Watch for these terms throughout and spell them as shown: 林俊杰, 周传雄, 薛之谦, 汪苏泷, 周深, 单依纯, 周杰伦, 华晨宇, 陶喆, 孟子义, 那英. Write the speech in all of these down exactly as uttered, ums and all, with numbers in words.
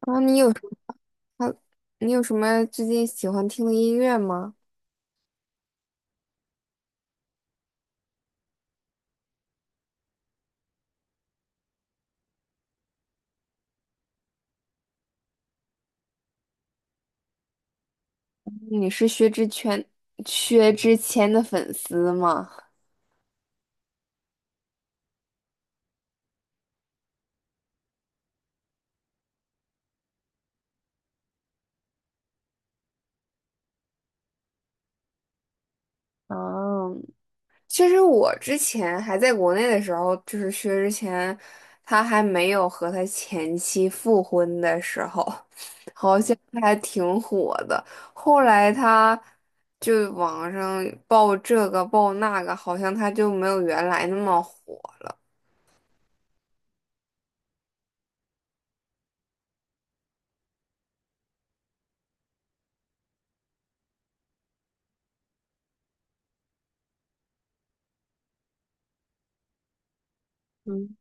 然后你有什么，你有什么最近喜欢听的音乐吗？你是薛之谦，薛之谦的粉丝吗？嗯，其实我之前还在国内的时候，就是薛之谦，他还没有和他前妻复婚的时候，好像他还挺火的。后来他就网上爆这个爆那个，好像他就没有原来那么火了。嗯。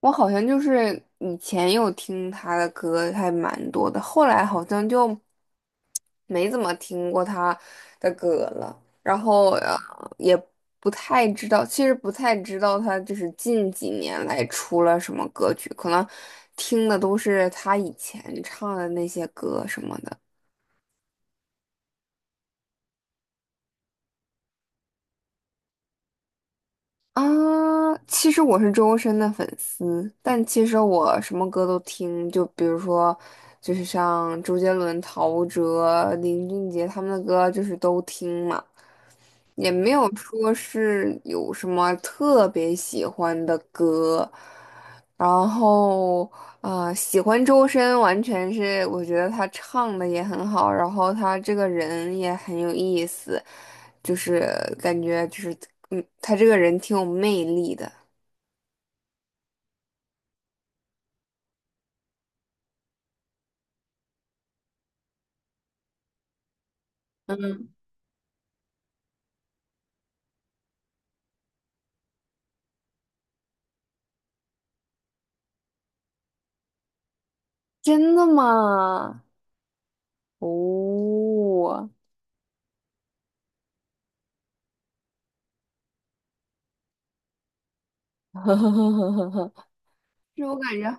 我好像就是以前有听他的歌还蛮多的，后来好像就没怎么听过他的歌了，然后呃也不太知道，其实不太知道他就是近几年来出了什么歌曲，可能听的都是他以前唱的那些歌什么的。啊，其实我是周深的粉丝，但其实我什么歌都听，就比如说，就是像周杰伦、陶喆、林俊杰他们的歌，就是都听嘛，也没有说是有什么特别喜欢的歌。然后，啊，喜欢周深完全是我觉得他唱的也很好，然后他这个人也很有意思，就是感觉就是。他这个人挺有魅力的。嗯，真的吗？哦，是我感觉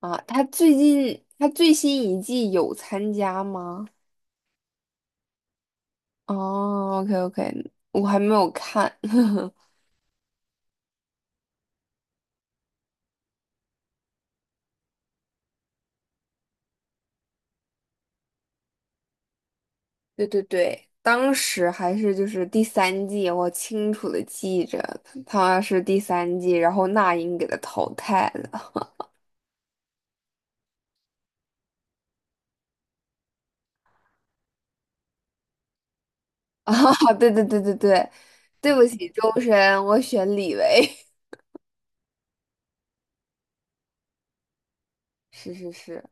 好啊，他最近他最新一季有参加吗？哦，OK OK，我还没有看。对对对，当时还是就是第三季，我清楚的记着他是第三季，然后那英给他淘汰了。啊，对对对对对，对不起，周深，我选李维。是是是，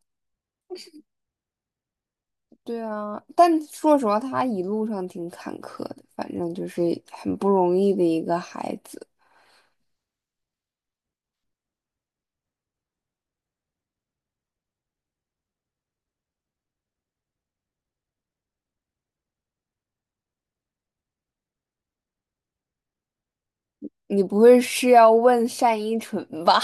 对啊，但说实话，他一路上挺坎坷的，反正就是很不容易的一个孩子。你不会是要问单依纯吧？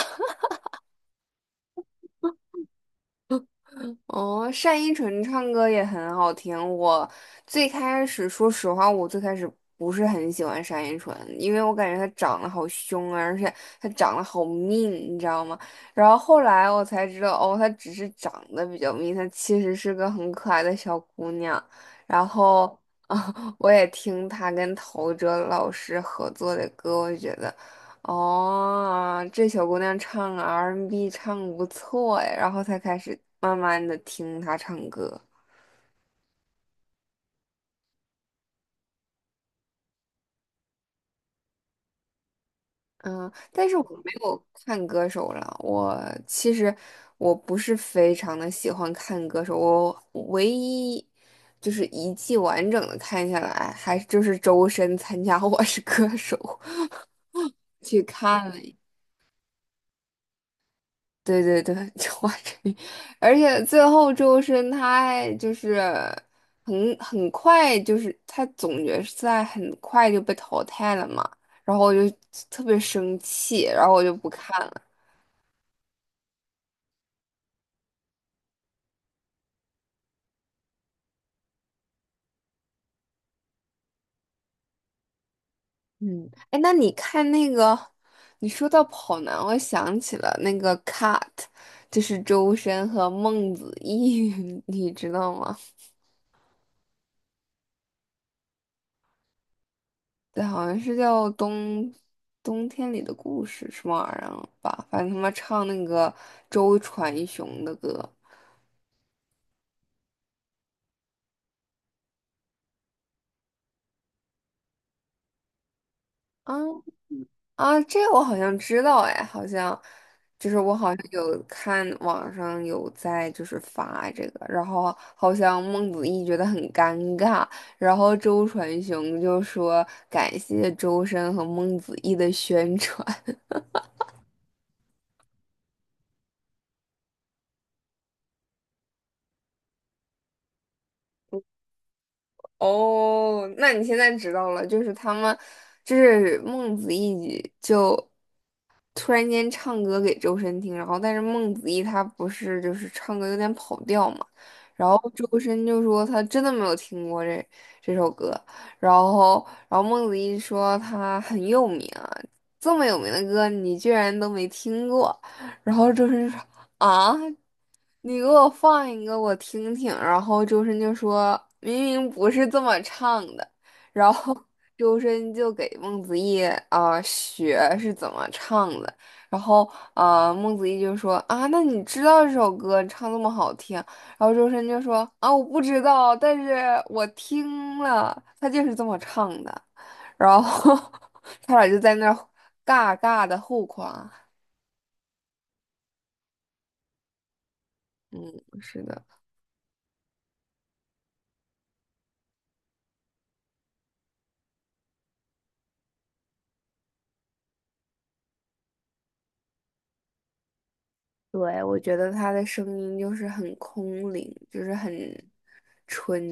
哦，单依纯唱歌也很好听。我最开始，说实话，我最开始不是很喜欢单依纯，因为我感觉她长得好凶啊，而且她长得好命，你知道吗？然后后来我才知道，哦，她只是长得比较命，她其实是个很可爱的小姑娘。然后啊，我也听她跟陶喆老师合作的歌，我觉得。哦，这小姑娘唱 R and B n 唱得不错哎，然后才开始慢慢的听她唱歌。嗯，但是我没有看歌手了。我其实我不是非常的喜欢看歌手，我唯一就是一季完整的看下来，还就是周深参加 《我是歌手》去看了。对对对，就华晨宇，而且最后周深他还就是很很快，就是他总决赛很快就被淘汰了嘛，然后我就特别生气，然后我就不看了。嗯，哎，那你看那个，你说到跑男，我想起了那个 Cut，就是周深和孟子义，你知道吗？对，好像是叫冬冬天里的故事什么玩意儿吧，反正他们唱那个周传雄的歌啊啊，这个我好像知道哎，好像就是我好像有看网上有在就是发这个，然后好像孟子义觉得很尴尬，然后周传雄就说感谢周深和孟子义的宣传。哦，那你现在知道了，就是他们，就是孟子义就突然间唱歌给周深听，然后但是孟子义他不是就是唱歌有点跑调嘛，然后周深就说他真的没有听过这这首歌，然后然后孟子义说他很有名啊，这么有名的歌你居然都没听过，然后周深就说啊，你给我放一个我听听，然后周深就说明明不是这么唱的，然后。周深就给孟子义啊、呃学是怎么唱的，然后啊孟子义就说啊，那你知道这首歌唱这么好听，然后周深就说啊我不知道，但是我听了，他就是这么唱的，然后 他俩就在那儿尬尬的互夸，是的。对，我觉得他的声音就是很空灵，就是很纯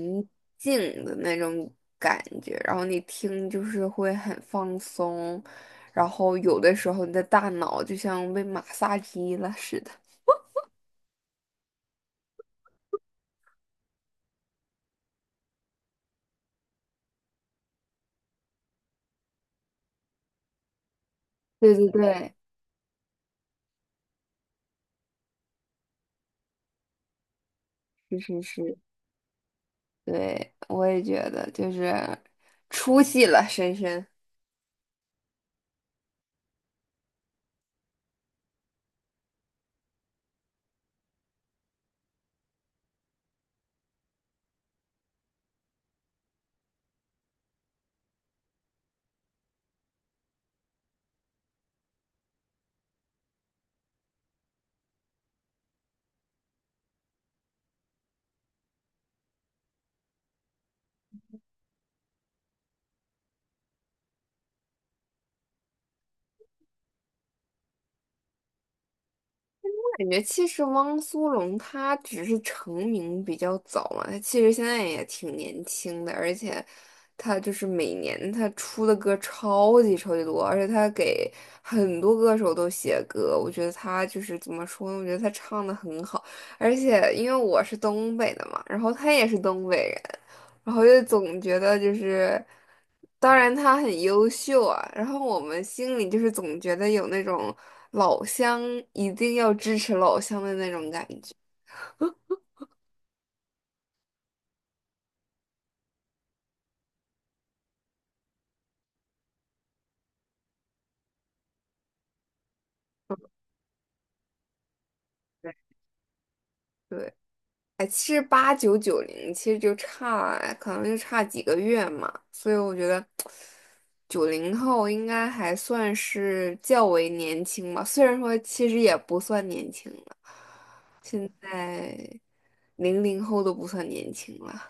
净的那种感觉，然后你听就是会很放松，然后有的时候你的大脑就像被马杀鸡了似的。对对对，是是是，对，我也觉得就是出戏了，深深。感觉其实汪苏泷他只是成名比较早嘛，他其实现在也挺年轻的，而且他就是每年他出的歌超级超级多，而且他给很多歌手都写歌，我觉得他就是怎么说呢？我觉得他唱的很好，而且因为我是东北的嘛，然后他也是东北人，然后就总觉得就是。当然他很优秀啊，然后我们心里就是总觉得有那种老乡一定要支持老乡的那种感觉。对，哎，其实八九九零其实就差，可能就差几个月嘛，所以我觉得九零后应该还算是较为年轻吧，虽然说其实也不算年轻了，现在零零后都不算年轻了。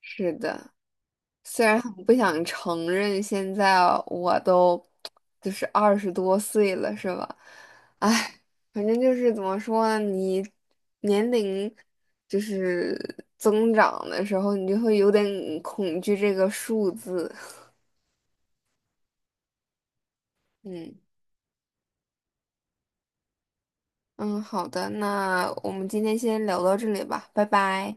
是的。虽然很不想承认，现在我都就是二十多岁了，是吧？唉，反正就是怎么说呢，你年龄就是增长的时候，你就会有点恐惧这个数字。嗯嗯，好的，那我们今天先聊到这里吧，拜拜。